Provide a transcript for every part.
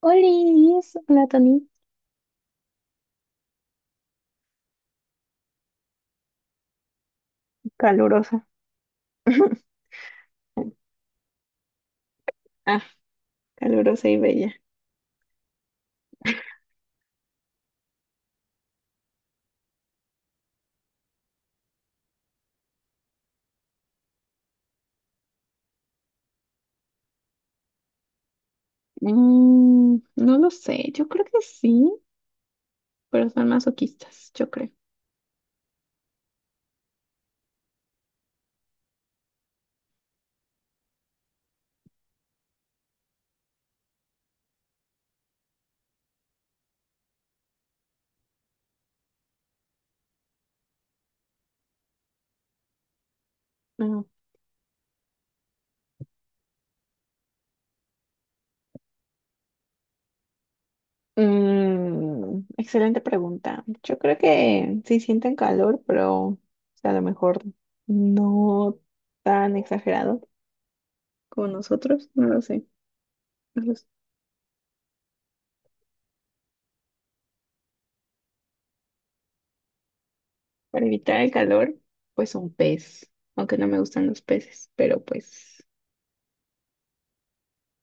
Olis, hola Tony, calurosa. Ah, calurosa y bella. No lo sé, yo creo que sí, pero son masoquistas, yo creo. No. Excelente pregunta. Yo creo que sí sienten calor, pero o sea, a lo mejor no tan exagerado como nosotros, no lo sé. No lo sé. Para evitar el calor, pues un pez, aunque no me gustan los peces, pero pues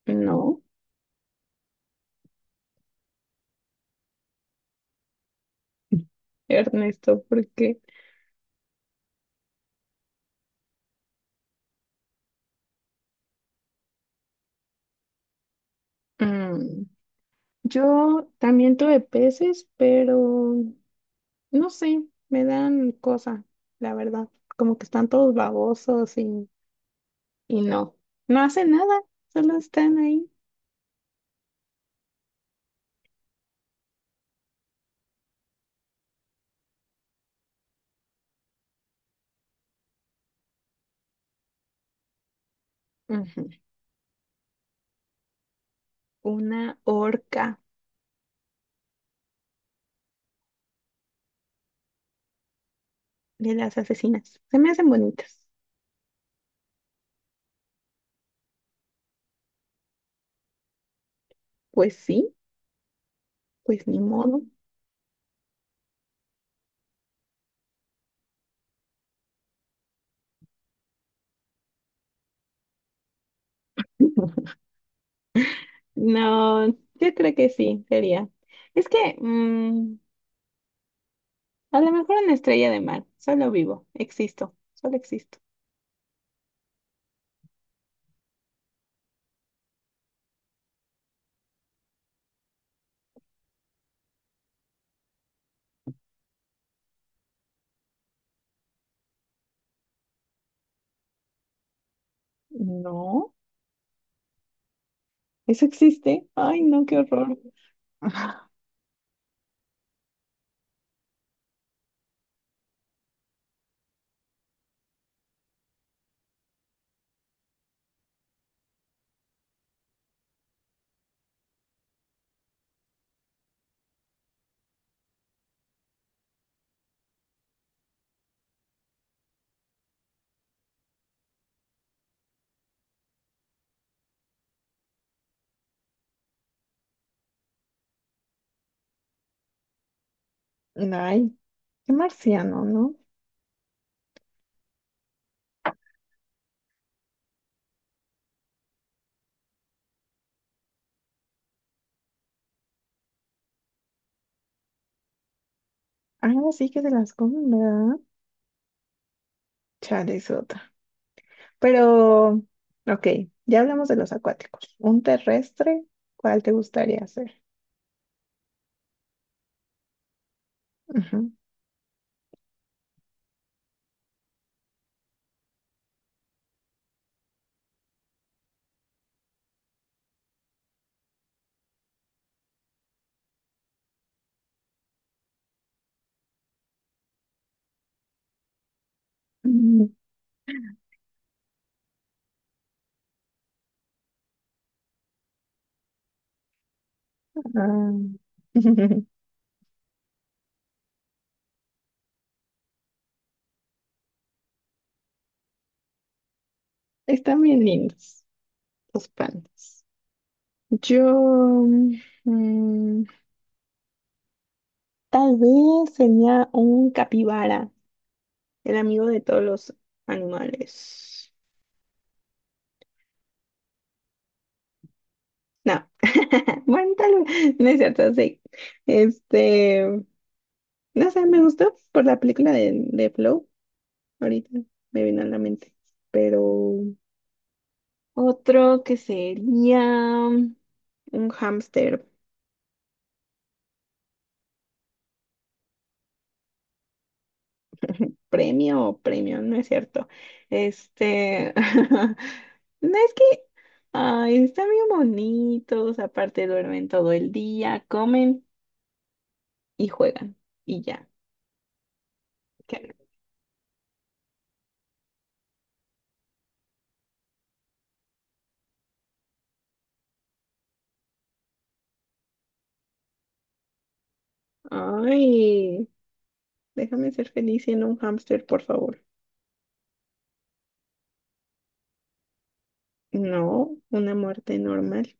no. Ernesto, porque mm, yo también tuve peces, pero no sé, me dan cosa, la verdad, como que están todos babosos y no, no hacen nada, solo están ahí. Ujú. Una orca de las asesinas, se me hacen bonitas. Pues sí, pues ni modo. No, yo creo que sí, sería. Es que mm, a lo mejor una estrella de mar, solo vivo, existo, solo existo. No, eso existe. Ay, no, qué horror. Ajá. Ay, qué marciano, ¿no? Ahora sí que se las comen, ¿verdad? Chale, es otra. Pero, ok, ya hablamos de los acuáticos. Un terrestre, ¿cuál te gustaría hacer? Ujú. Mm, ah, están bien lindos los pandas. Yo, mm, Tal vez sería un capibara, el amigo de todos los animales. No, bueno, tal vez, no es cierto, sí. Este, no sé, me gustó por la película de Flow, ahorita me vino a la mente, pero otro que sería un hámster premio o premio, no es cierto. Este, no es que, ay, están bien bonitos, aparte duermen todo el día, comen y juegan, y ya. ¿Qué? Ay. Déjame ser feliz siendo un hámster, por favor. No, una muerte normal.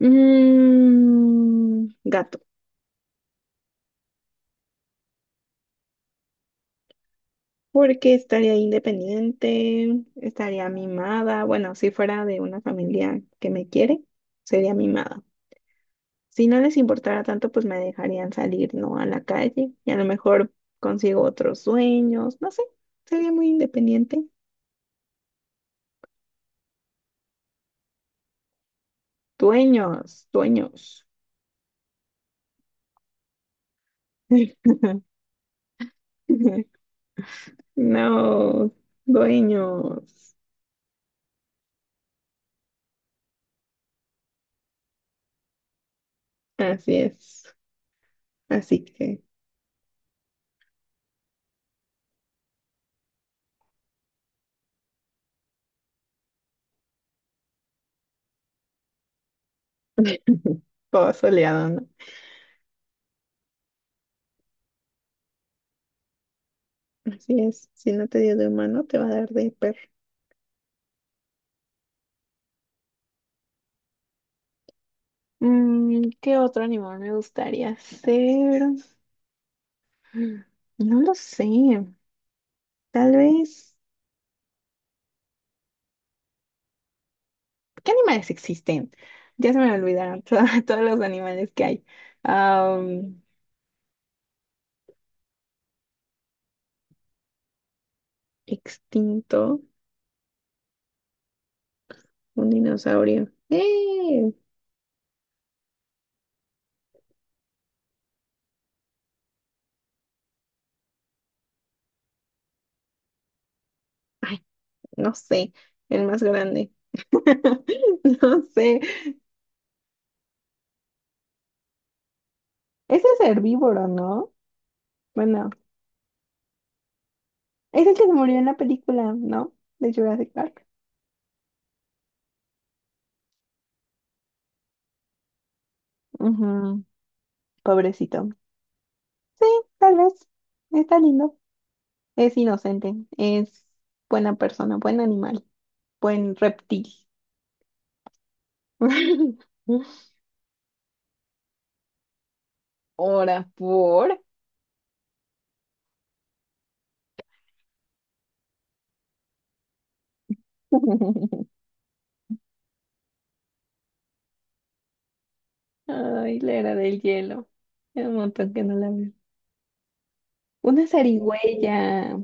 Gato. Porque estaría independiente, estaría mimada. Bueno, si fuera de una familia que me quiere, sería mimada. Si no les importara tanto, pues me dejarían salir, ¿no? A la calle y a lo mejor consigo otros sueños. No sé, sería muy independiente. Dueños, dueños. No, dueños. Así es. Así que todo soleado, ¿no? Así es. Si no te dio de humano, te va a dar de perro. ¿Qué otro animal me gustaría ser? Mm, No lo sé. Tal vez. ¿Qué animales existen? Ya se me olvidaron to- todos los animales que hay. Am, extinto, un dinosaurio. ¡Eh! Ay, no sé. El más grande. No sé. Ese es herbívoro, ¿no? Bueno. Es el que se murió en la película, ¿no? De Jurassic Park. Ujú, pobrecito. Sí, tal vez. Está lindo. Es inocente. Es buena persona, buen animal, buen reptil. Ahora por. Ay, la era del hielo. Hace un montón que no la veo. Una zarigüeya.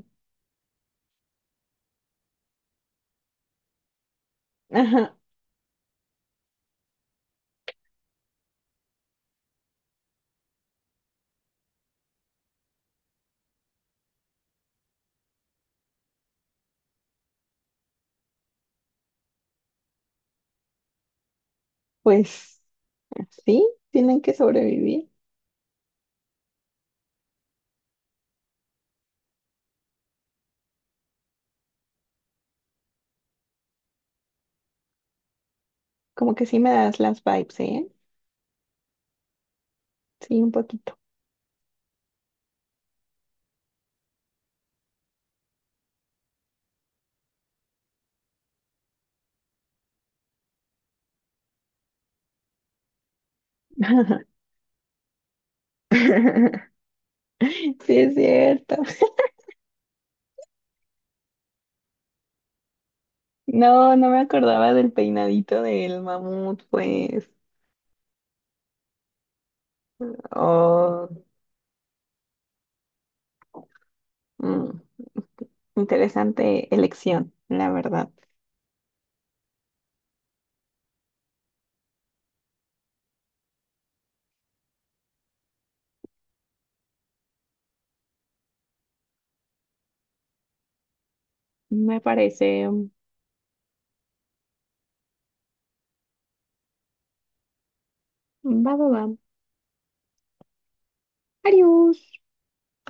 Ajá, pues sí, tienen que sobrevivir. Como que sí me das las vibes, ¿eh? Sí, un poquito. Sí, es cierto. No, no me acordaba del peinadito del mamut, pues. Oh, mm, Interesante elección, la verdad. Me parece. Va, va, va. Adiós.